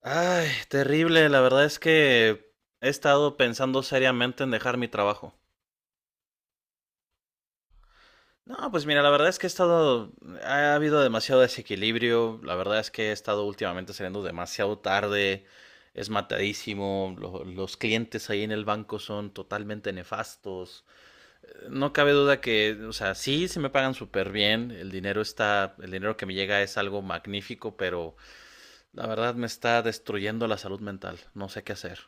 Ay, terrible. La verdad es que he estado pensando seriamente en dejar mi trabajo. No, pues mira, la verdad es que ha habido demasiado desequilibrio. La verdad es que he estado últimamente saliendo demasiado tarde. Es matadísimo. Los clientes ahí en el banco son totalmente nefastos. No cabe duda que, o sea, sí, se me pagan súper bien. El dinero que me llega es algo magnífico, pero la verdad me está destruyendo la salud mental. No sé qué hacer.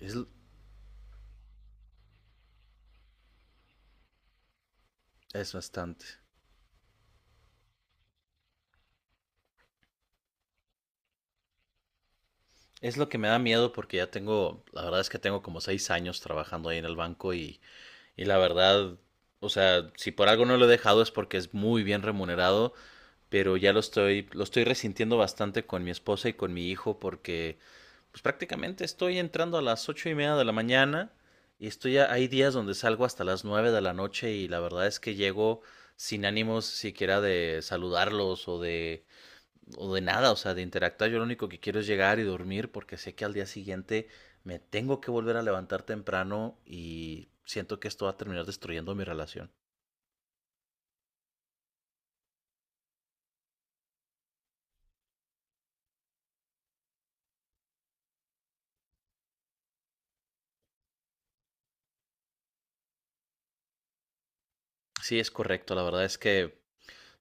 Es, Es bastante. Es lo que me da miedo porque ya tengo, la verdad es que tengo como seis años trabajando ahí en el banco y la verdad, o sea, si por algo no lo he dejado es porque es muy bien remunerado, pero lo estoy resintiendo bastante con mi esposa y con mi hijo porque pues prácticamente estoy entrando a las ocho y media de la mañana y hay días donde salgo hasta las nueve de la noche y la verdad es que llego sin ánimos siquiera de saludarlos o de nada, o sea, de interactuar. Yo lo único que quiero es llegar y dormir porque sé que al día siguiente me tengo que volver a levantar temprano y siento que esto va a terminar destruyendo mi relación. Sí, es correcto. La verdad es que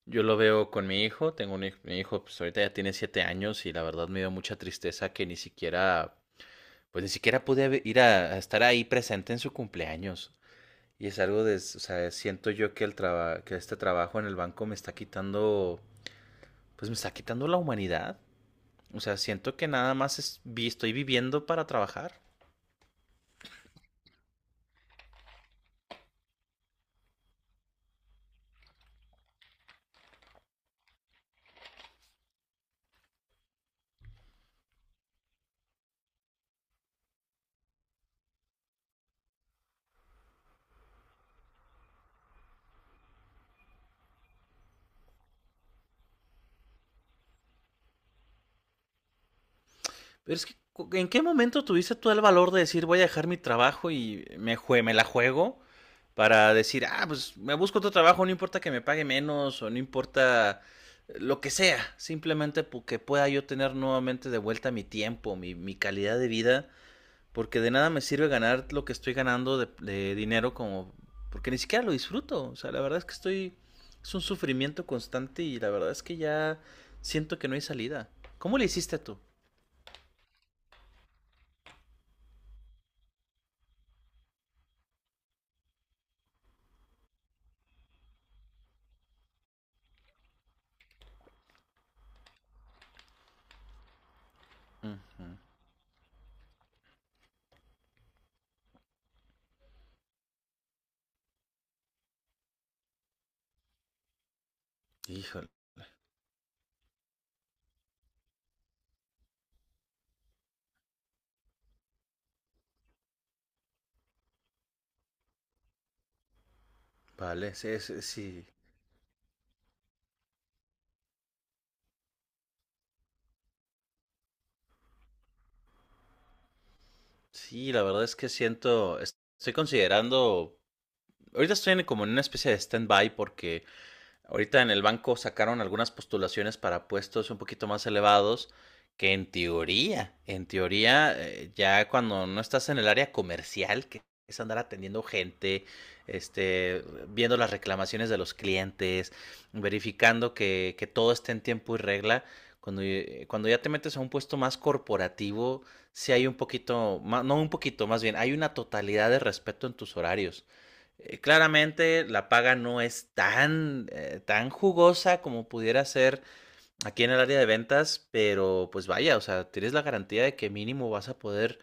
yo lo veo con mi hijo. Tengo un hijo, mi hijo pues ahorita ya tiene siete años y la verdad me dio mucha tristeza que ni siquiera, pues ni siquiera ir a estar ahí presente en su cumpleaños. Y es algo de, o sea, siento yo que este trabajo en el banco me está quitando, pues me está quitando la humanidad. O sea, siento que nada más estoy viviendo para trabajar. Pero es que, ¿en qué momento tuviste tú el valor de decir voy a dejar mi trabajo y me la juego para decir, ah, pues me busco otro trabajo, no importa que me pague menos o no importa lo que sea, simplemente porque pueda yo tener nuevamente de vuelta mi tiempo, mi calidad de vida? Porque de nada me sirve ganar lo que estoy ganando de dinero como... Porque ni siquiera lo disfruto. O sea, la verdad es que estoy... Es un sufrimiento constante y la verdad es que ya siento que no hay salida. ¿Cómo le hiciste tú? Ujú. Híjole. Vale, sí, sí, sí. Sí, la verdad es que siento... Estoy considerando... Ahorita como en una especie de stand-by porque ahorita en el banco sacaron algunas postulaciones para puestos un poquito más elevados que en teoría, ya cuando no estás en el área comercial, que es andar atendiendo gente, este, viendo las reclamaciones de los clientes, verificando que todo esté en tiempo y regla, cuando ya te metes a un puesto más corporativo, sí hay un poquito, más, no un poquito, más bien, hay una totalidad de respeto en tus horarios. Claramente la paga no es tan, tan jugosa como pudiera ser aquí en el área de ventas, pero pues vaya, o sea, tienes la garantía de que mínimo vas a poder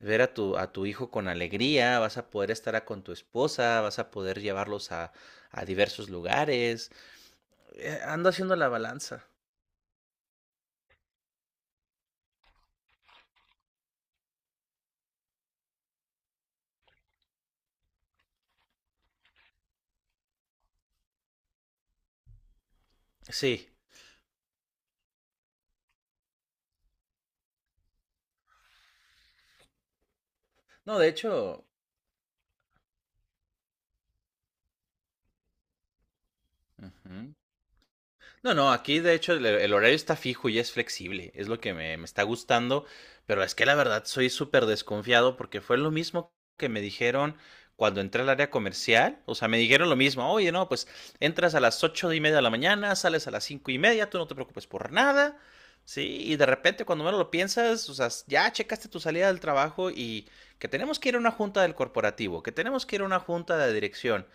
ver a a tu hijo con alegría, vas a poder con tu esposa, vas a poder llevarlos a diversos lugares. Ando haciendo la balanza. Sí. No, de hecho, ujú. No, no, aquí de hecho el horario está fijo y es flexible, es lo que me está gustando, pero es que la verdad soy súper desconfiado porque fue lo mismo que me dijeron cuando entré al área comercial, o sea, me dijeron lo mismo, oye, no, pues entras a las ocho y media de la mañana, sales a las cinco y media, tú no te preocupes por nada, ¿sí? Y de repente cuando menos lo piensas, o sea, ya checaste tu salida del trabajo y que tenemos que ir a una junta del corporativo, que tenemos que ir a una junta de dirección,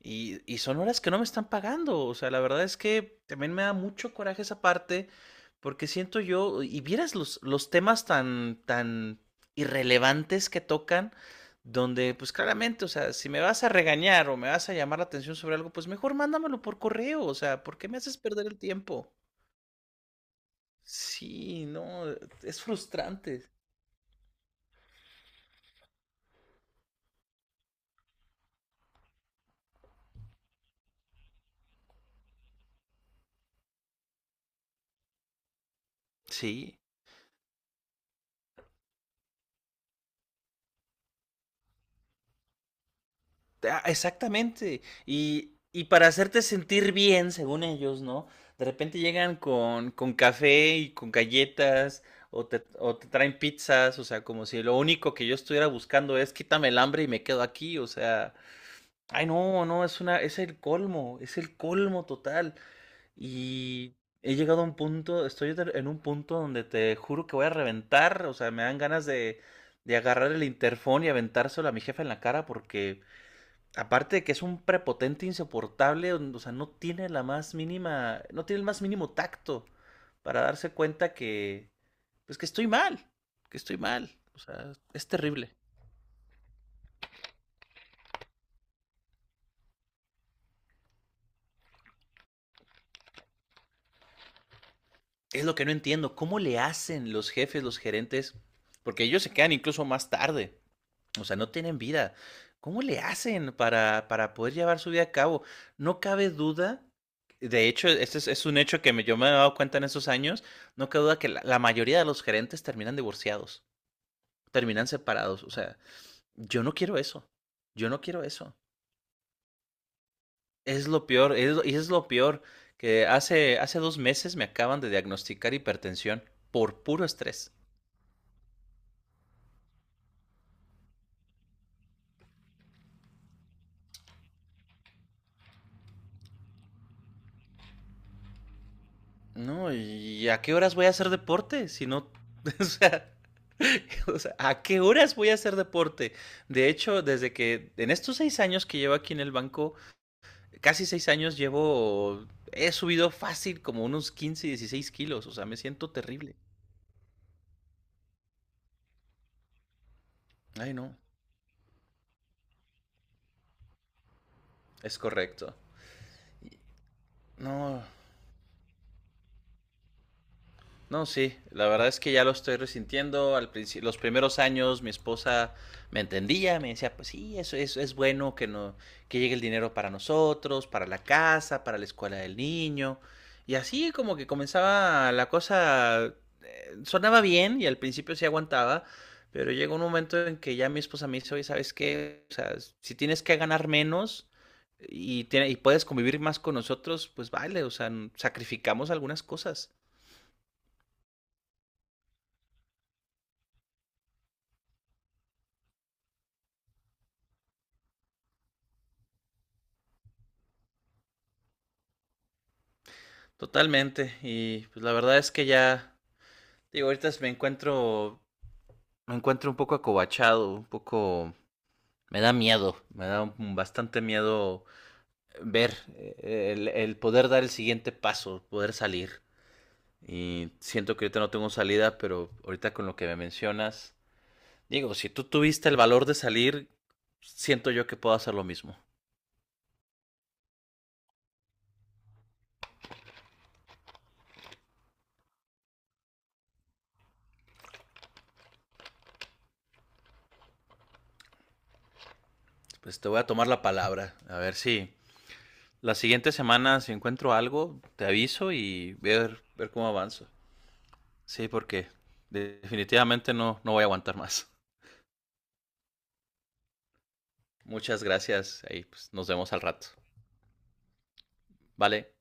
y son horas que no me están pagando. O sea, la verdad es que también me da mucho coraje esa parte, porque siento yo, y vieras los temas tan, tan irrelevantes que tocan, donde pues claramente, o sea, si me vas a regañar o me vas a llamar la atención sobre algo, pues mejor mándamelo por correo. O sea, ¿por qué me haces perder el tiempo? Sí, no, es frustrante. Sí. Ah, exactamente. Y para hacerte sentir bien, según ellos, ¿no? De repente llegan con café y con galletas o te traen pizzas, o sea, como si lo único que yo estuviera buscando es quítame el hambre y me quedo aquí, o sea, ay no, no, es una, es el colmo total. Y he llegado a un punto, en un punto donde te juro que voy a reventar, o sea, me dan ganas de agarrar el interfón y aventárselo a mi jefe en la cara porque aparte de que es un prepotente insoportable, o sea, no tiene la más mínima, no tiene el más mínimo tacto para darse cuenta que, pues que estoy mal, o sea, es terrible. Es lo que no entiendo, ¿cómo le hacen los jefes, los gerentes? Porque ellos se quedan incluso más tarde. O sea, no tienen vida. ¿Cómo le hacen para poder llevar su vida a cabo? No cabe duda, de hecho, es un hecho yo me he dado cuenta en esos años, no cabe duda que la mayoría de los gerentes terminan divorciados, terminan separados. O sea, yo no quiero eso, yo no quiero eso. Es lo peor, y es lo peor, que hace dos meses me acaban de diagnosticar hipertensión por puro estrés. No, ¿y a qué horas voy a hacer deporte? Si no, o sea, o sea, ¿a qué horas voy a hacer deporte? De hecho, desde que en estos seis años que llevo aquí en el banco, casi seis años llevo, he subido fácil como unos 15, 16 kilos, o sea, me siento terrible. Ay, no, es correcto. No, no, sí, la verdad es que ya lo estoy resintiendo. Los primeros años mi esposa me entendía, me decía, pues sí, es bueno que no, que llegue el dinero para nosotros, para la casa, para la escuela del niño. Y así como que comenzaba la cosa, sonaba bien y al principio sí aguantaba, pero llegó un momento en que ya mi esposa me dice, oye, ¿sabes qué? O sea, si tienes que ganar menos y, y puedes convivir más con nosotros, pues vale, o sea, sacrificamos algunas cosas. Totalmente. Y pues la verdad es que ya, digo, ahorita me encuentro un poco acobachado, un poco, me da miedo, bastante miedo ver el poder dar el siguiente paso, poder salir. Y siento que ahorita no tengo salida, pero ahorita con lo que me mencionas, digo, si tú tuviste el valor de salir, siento yo que puedo hacer lo mismo. Pues te voy a tomar la palabra, a ver si la siguiente semana si encuentro algo, te aviso y ver, ver cómo avanzo. Sí, porque definitivamente no, no voy a aguantar más. Muchas gracias. Ahí pues, nos vemos al rato. Vale.